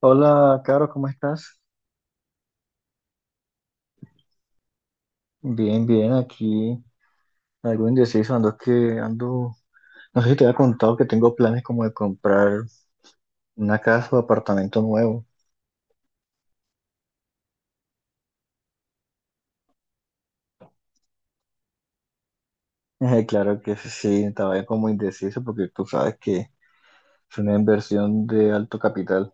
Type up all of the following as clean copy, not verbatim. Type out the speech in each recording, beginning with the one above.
Hola, Caro, ¿cómo estás? Bien, bien, aquí algo indeciso, ando que ando, no sé si te había contado que tengo planes como de comprar una casa o apartamento nuevo. Claro que sí, estaba como indeciso porque tú sabes que es una inversión de alto capital.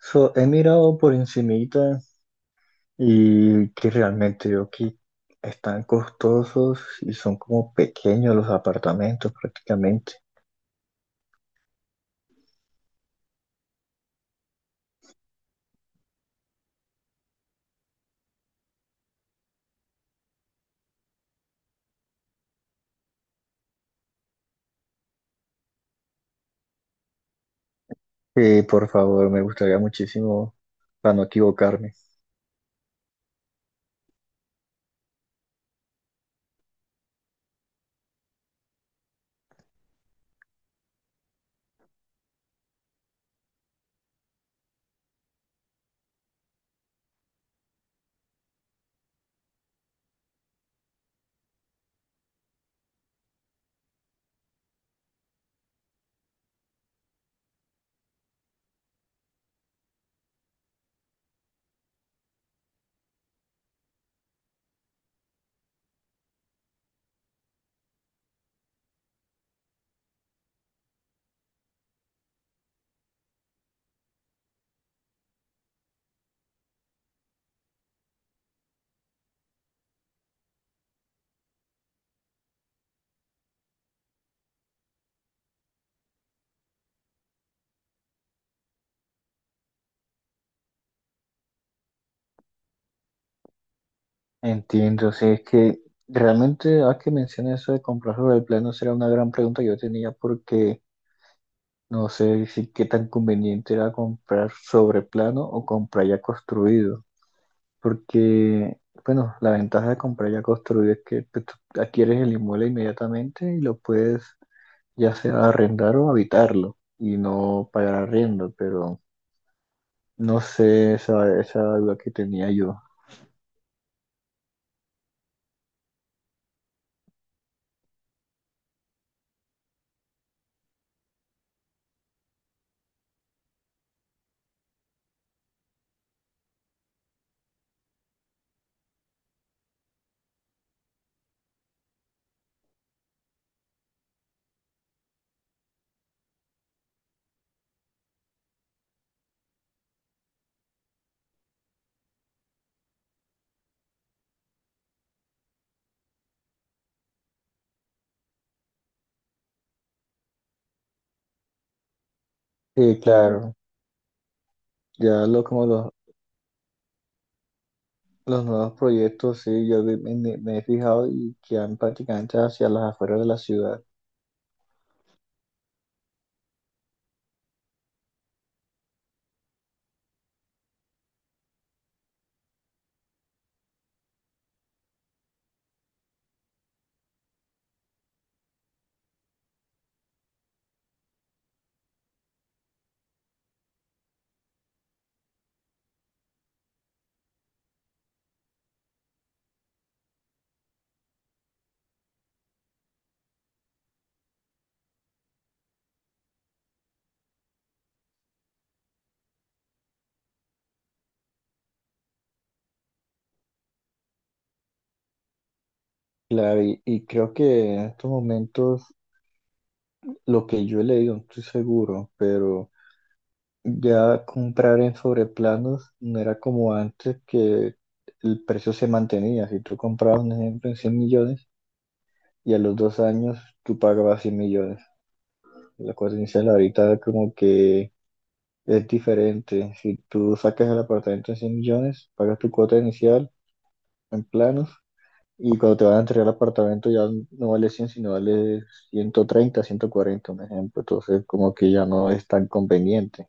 So, he mirado por encimita y que realmente yo que están costosos y son como pequeños los apartamentos prácticamente. Por favor, me gustaría muchísimo para no equivocarme. Entiendo, sí, es que realmente, a que mencioné eso de comprar sobre el plano, será una gran pregunta que yo tenía porque no sé si qué tan conveniente era comprar sobre plano o comprar ya construido. Porque, bueno, la ventaja de comprar ya construido es que pues, tú adquieres el inmueble inmediatamente y lo puedes ya sea arrendar o habitarlo y no pagar arriendo, pero no sé esa duda que tenía yo. Sí, claro, ya lo como los nuevos proyectos, sí, me he fijado y que han prácticamente hacia las afueras de la ciudad. Claro, y creo que en estos momentos, lo que yo he leído, no estoy seguro, pero ya comprar en sobreplanos no era como antes que el precio se mantenía. Si tú comprabas, un ejemplo, en 100 millones y a los 2 años tú pagabas 100 millones. La coherencia inicial ahorita como que es diferente. Si tú sacas el apartamento en 100 millones, pagas tu cuota inicial en planos. Y cuando te van a entregar el apartamento ya no vale 100 sino vale 130 140 un ejemplo. Entonces, como que ya no es tan conveniente.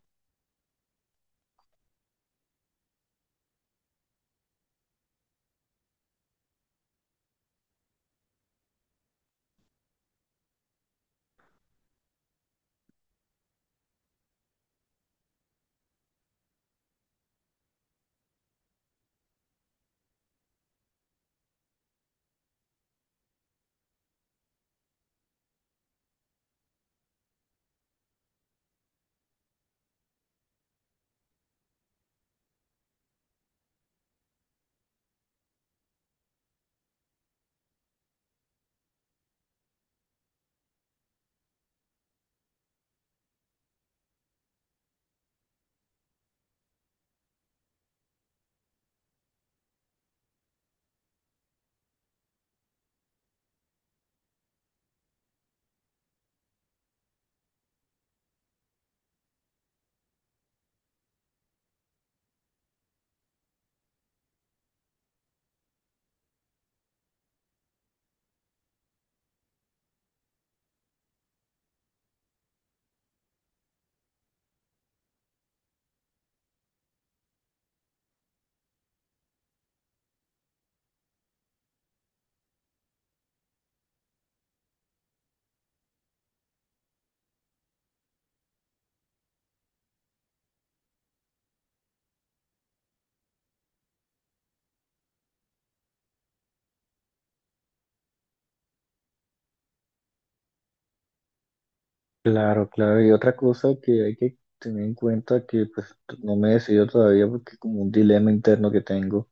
Claro, claro. Y otra cosa que hay que tener en cuenta que pues no me he decidido todavía porque como un dilema interno que tengo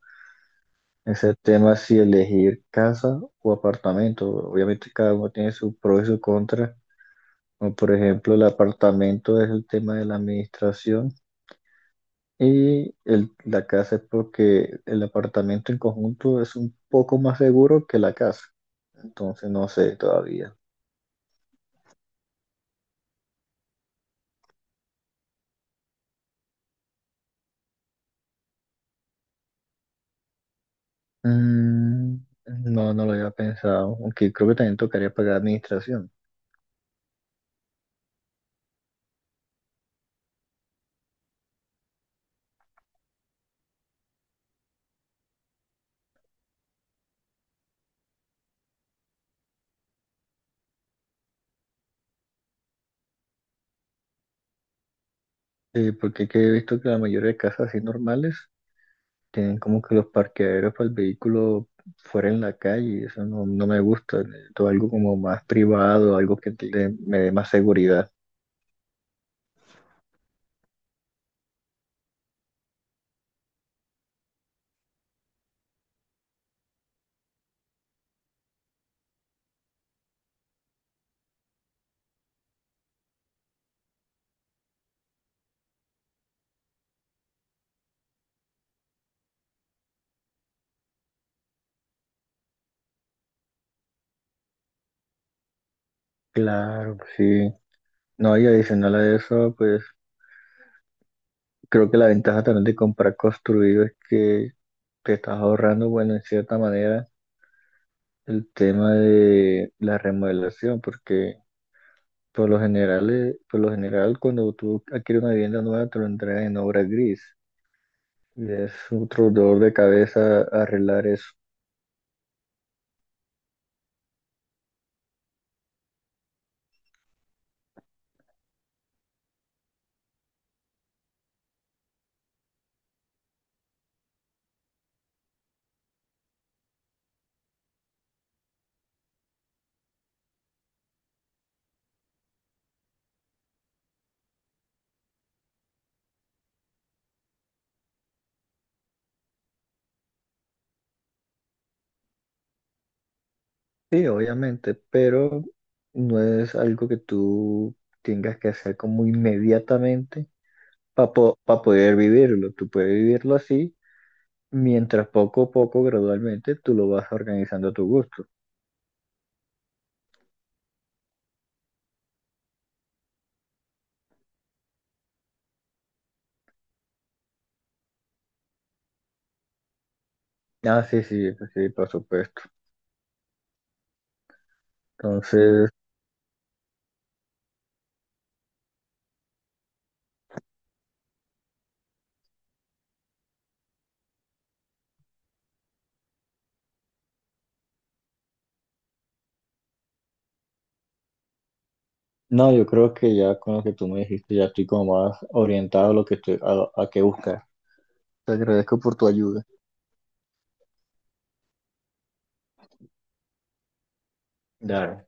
es el tema si elegir casa o apartamento. Obviamente cada uno tiene su pro y su contra. Como por ejemplo, el apartamento es el tema de la administración, y la casa es porque el apartamento en conjunto es un poco más seguro que la casa. Entonces no sé todavía. Mm, no, no lo había pensado, aunque creo que también tocaría pagar administración. Porque que he visto que la mayoría de casas así normales tienen como que los parqueaderos para el vehículo fuera en la calle. Y eso no, no me gusta. Todo algo como más privado, algo me dé más seguridad. Claro, sí. No, y adicional a eso, pues creo que la ventaja también de comprar construido es que te estás ahorrando, bueno, en cierta manera, el tema de la remodelación, porque por lo general, cuando tú adquieres una vivienda nueva, te lo entregan en obra gris. Y es otro dolor de cabeza arreglar eso. Sí, obviamente, pero no es algo que tú tengas que hacer como inmediatamente para poder vivirlo. Tú puedes vivirlo así mientras poco a poco, gradualmente, tú lo vas organizando a tu gusto. Ah, sí, sí, pues sí, por supuesto. Entonces, no, yo creo que ya con lo que tú me dijiste, ya estoy como más orientado a lo que estoy, a qué buscar. Te agradezco por tu ayuda. Claro.